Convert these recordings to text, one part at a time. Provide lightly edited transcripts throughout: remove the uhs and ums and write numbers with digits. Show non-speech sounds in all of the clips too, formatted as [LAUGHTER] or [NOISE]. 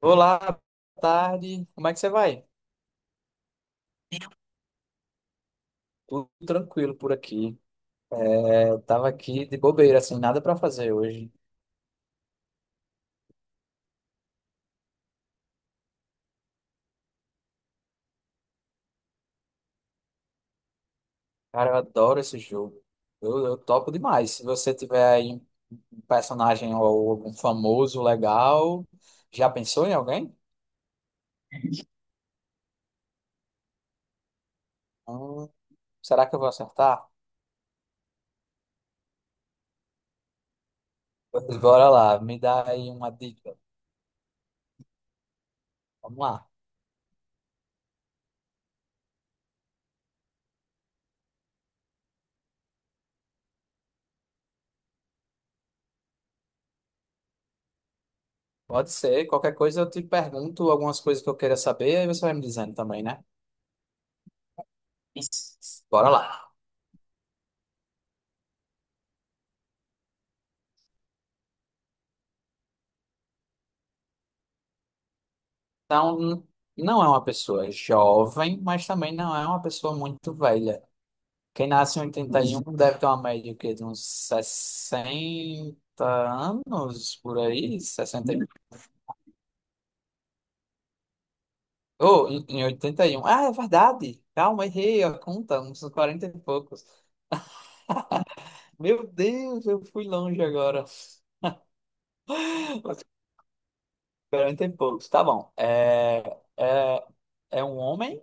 Olá, boa tarde. Como é que você vai? Tudo tranquilo por aqui. É, tava aqui de bobeira, assim, nada pra fazer hoje. Cara, eu adoro esse jogo. Eu topo demais. Se você tiver aí um personagem ou algum famoso legal, já pensou em alguém? Hum, Será que eu vou acertar? Pois bora lá, me dá aí uma dica. Vamos lá. Pode ser, qualquer coisa eu te pergunto algumas coisas que eu queira saber, aí você vai me dizendo também, né? Isso. Bora lá. Então, não é uma pessoa jovem, mas também não é uma pessoa muito velha. Quem nasce em 81 deve ter uma média o quê, de uns 60 anos por aí, 61. Oh, em 81. Ah, é verdade. Calma, errei a conta, uns 40 e poucos. Meu Deus, eu fui longe agora. [LAUGHS] 40 e poucos, tá bom. É, é um homem?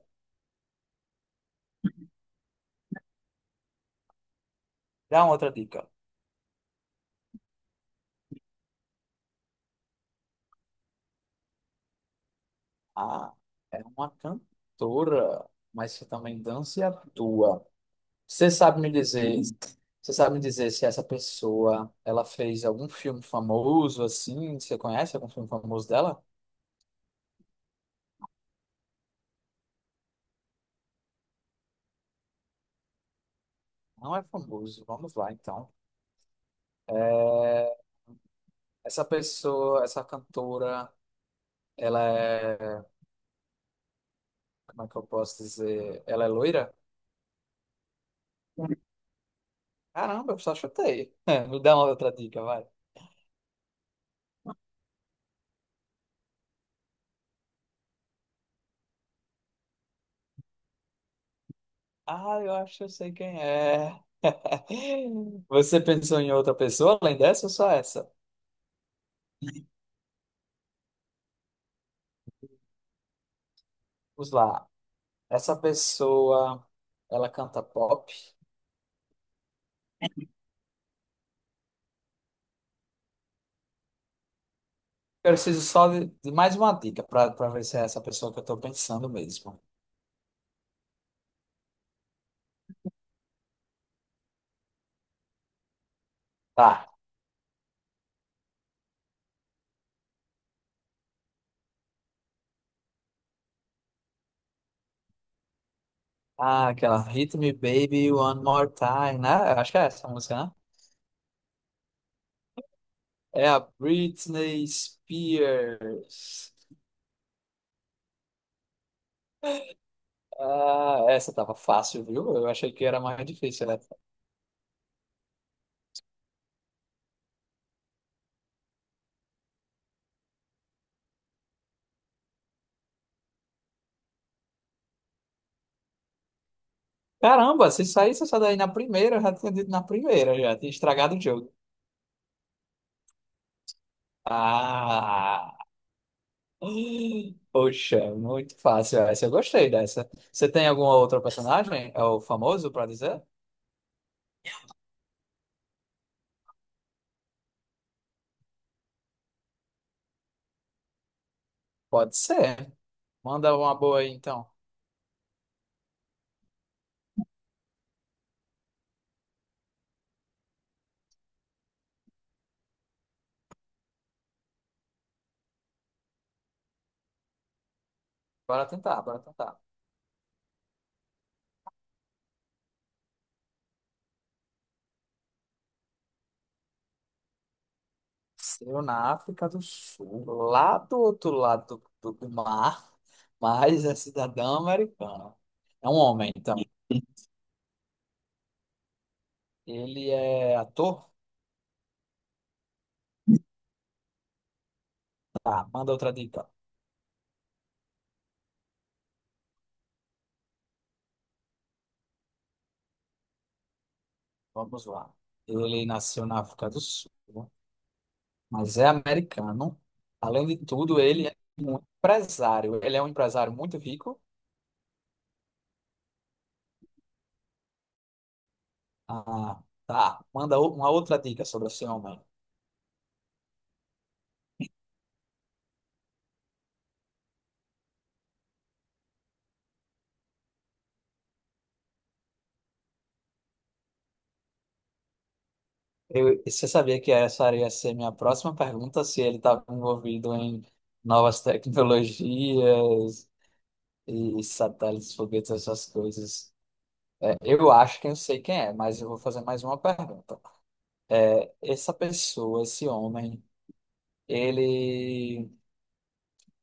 Dá uma outra dica. Ah, é uma cantora, mas que também dança e atua. Você sabe me dizer, você sabe me dizer se essa pessoa, ela fez algum filme famoso assim? Você conhece algum filme famoso dela? Não é famoso. Vamos lá, então. É, essa pessoa, essa cantora, ela é, como é que eu posso dizer? Ela é loira? Caramba, eu só chutei. [LAUGHS] Me dá uma outra dica, vai. Ah, eu acho que eu sei quem é. [LAUGHS] Você pensou em outra pessoa além dessa ou só essa? Vamos lá. Essa pessoa, ela canta pop. Eu preciso só de mais uma dica para ver se é essa pessoa que eu tô pensando mesmo. Tá. Ah, aquela Hit Me Baby One More Time, né? Eu acho que é essa a música, né? É a Britney Spears. Ah, essa tava fácil, viu? Eu achei que era mais difícil, né? Caramba, se saísse essa daí na primeira, eu já tinha dito na primeira, já tinha estragado o jogo. Ah. Poxa, muito fácil essa. Eu gostei dessa. Você tem algum outro personagem? É o famoso pra dizer? Pode ser. Manda uma boa aí, então. Bora tentar, bora tentar. Eu na África do Sul, lá do outro lado do mar, mas é cidadão americano. É um homem, então. Ele é ator? Tá, manda outra dica. Vamos lá. Ele nasceu na África do Sul. Mas é americano. Além de tudo, ele é um empresário. Ele é um empresário muito rico. Ah, tá. Manda uma outra dica sobre esse homem. Você sabia que essa iria ser minha próxima pergunta, se ele estava envolvido em novas tecnologias e satélites, foguetes, essas coisas. É, eu acho que eu sei quem é, mas eu vou fazer mais uma pergunta. Essa pessoa, esse homem, ele,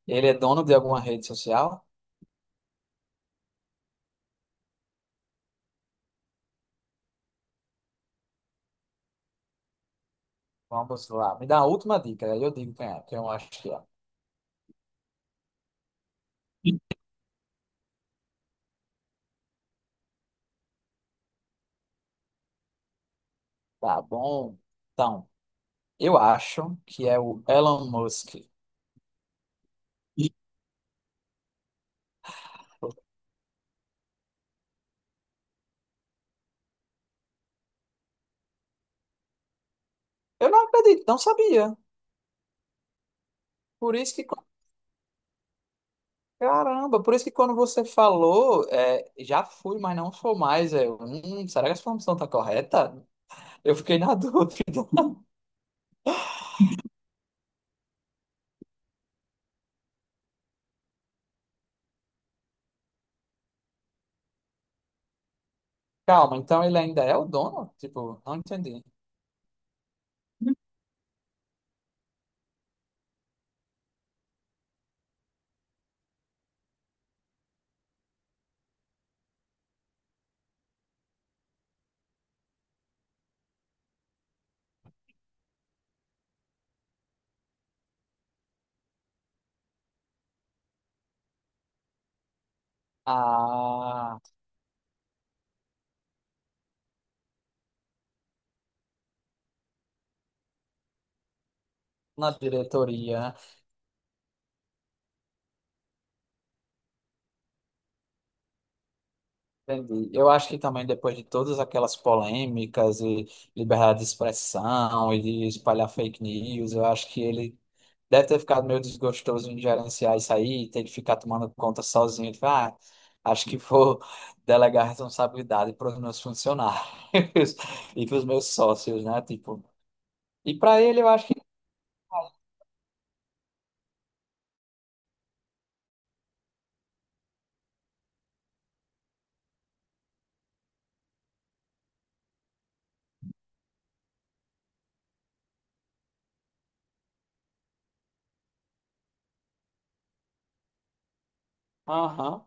ele é dono de alguma rede social? Vamos lá. Me dá a última dica, aí eu digo quem é, quem eu acho que é. Tá bom. Então, eu acho que é o Elon Musk. Eu não acredito, não sabia. Por isso que, caramba, por isso que quando você falou, é, já fui, mas não sou mais. Será que essa informação tá correta? Eu fiquei na [LAUGHS] dúvida. Calma, então ele ainda é o dono? Tipo, não entendi. Ah, na diretoria. Entendi. Eu acho que também depois de todas aquelas polêmicas e liberdade de expressão e de espalhar fake news, eu acho que ele deve ter ficado meio desgostoso em gerenciar isso aí, ter que ficar tomando conta sozinho. Ele fala, ah, acho que vou [LAUGHS] delegar responsabilidade para os meus funcionários [LAUGHS] e para os meus sócios, né? Tipo, e para ele eu acho que, aham.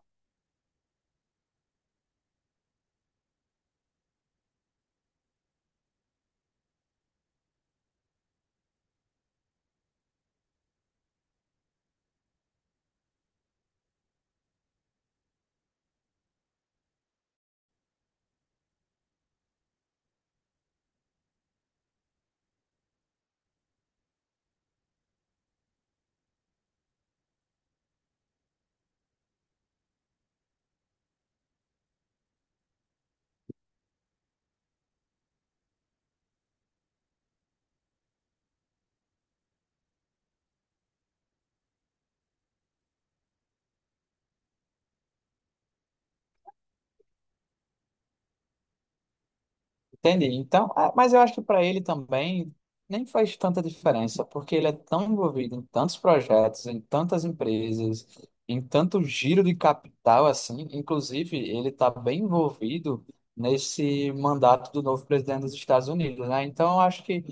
Entendi. Então, ah, mas eu acho que para ele também nem faz tanta diferença, porque ele é tão envolvido em tantos projetos, em tantas empresas, em tanto giro de capital assim. Inclusive, ele está bem envolvido nesse mandato do novo presidente dos Estados Unidos, né? Então, eu acho que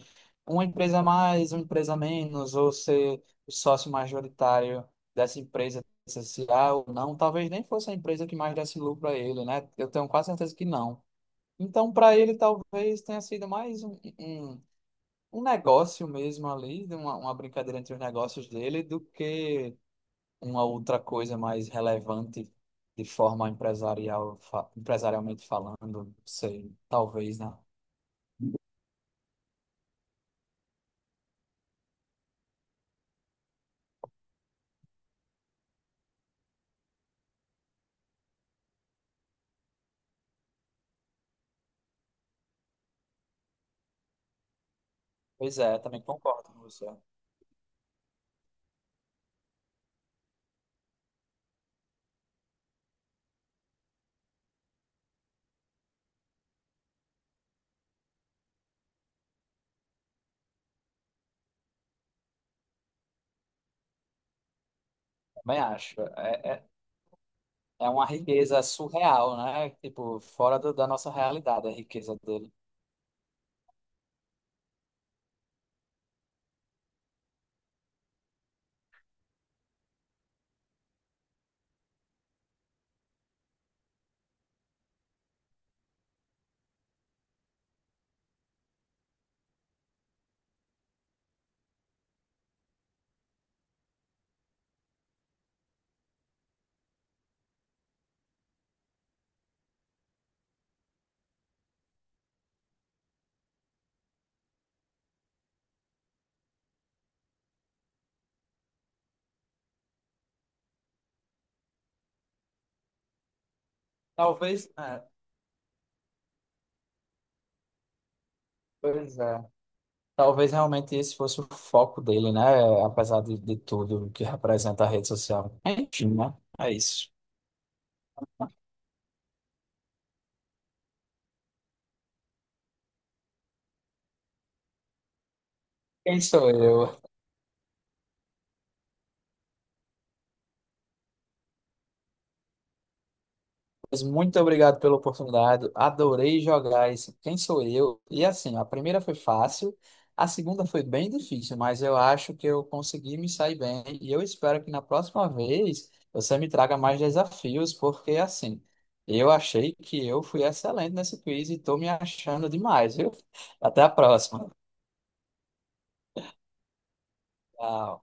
uma empresa a mais, uma empresa a menos, ou ser o sócio majoritário dessa empresa, se há ou não, talvez nem fosse a empresa que mais desse lucro a ele, né? Eu tenho quase certeza que não. Então, para ele, talvez tenha sido mais um, um negócio mesmo ali, de uma brincadeira entre os negócios dele, do que uma outra coisa mais relevante de forma empresarial, empresarialmente falando, não sei, talvez, né? Pois é, também concordo com você. Também acho. É uma riqueza surreal, né? Tipo, fora da nossa realidade, a riqueza dele. Talvez, é, pois é. Talvez realmente esse fosse o foco dele, né? Apesar de tudo que representa a rede social. Enfim, né? É isso. Quem sou eu? Mas muito obrigado pela oportunidade. Adorei jogar esse Quem sou eu? E assim, a primeira foi fácil, a segunda foi bem difícil, mas eu acho que eu consegui me sair bem. E eu espero que na próxima vez você me traga mais desafios, porque assim, eu achei que eu fui excelente nesse quiz e estou me achando demais, viu? Até a próxima. Tchau.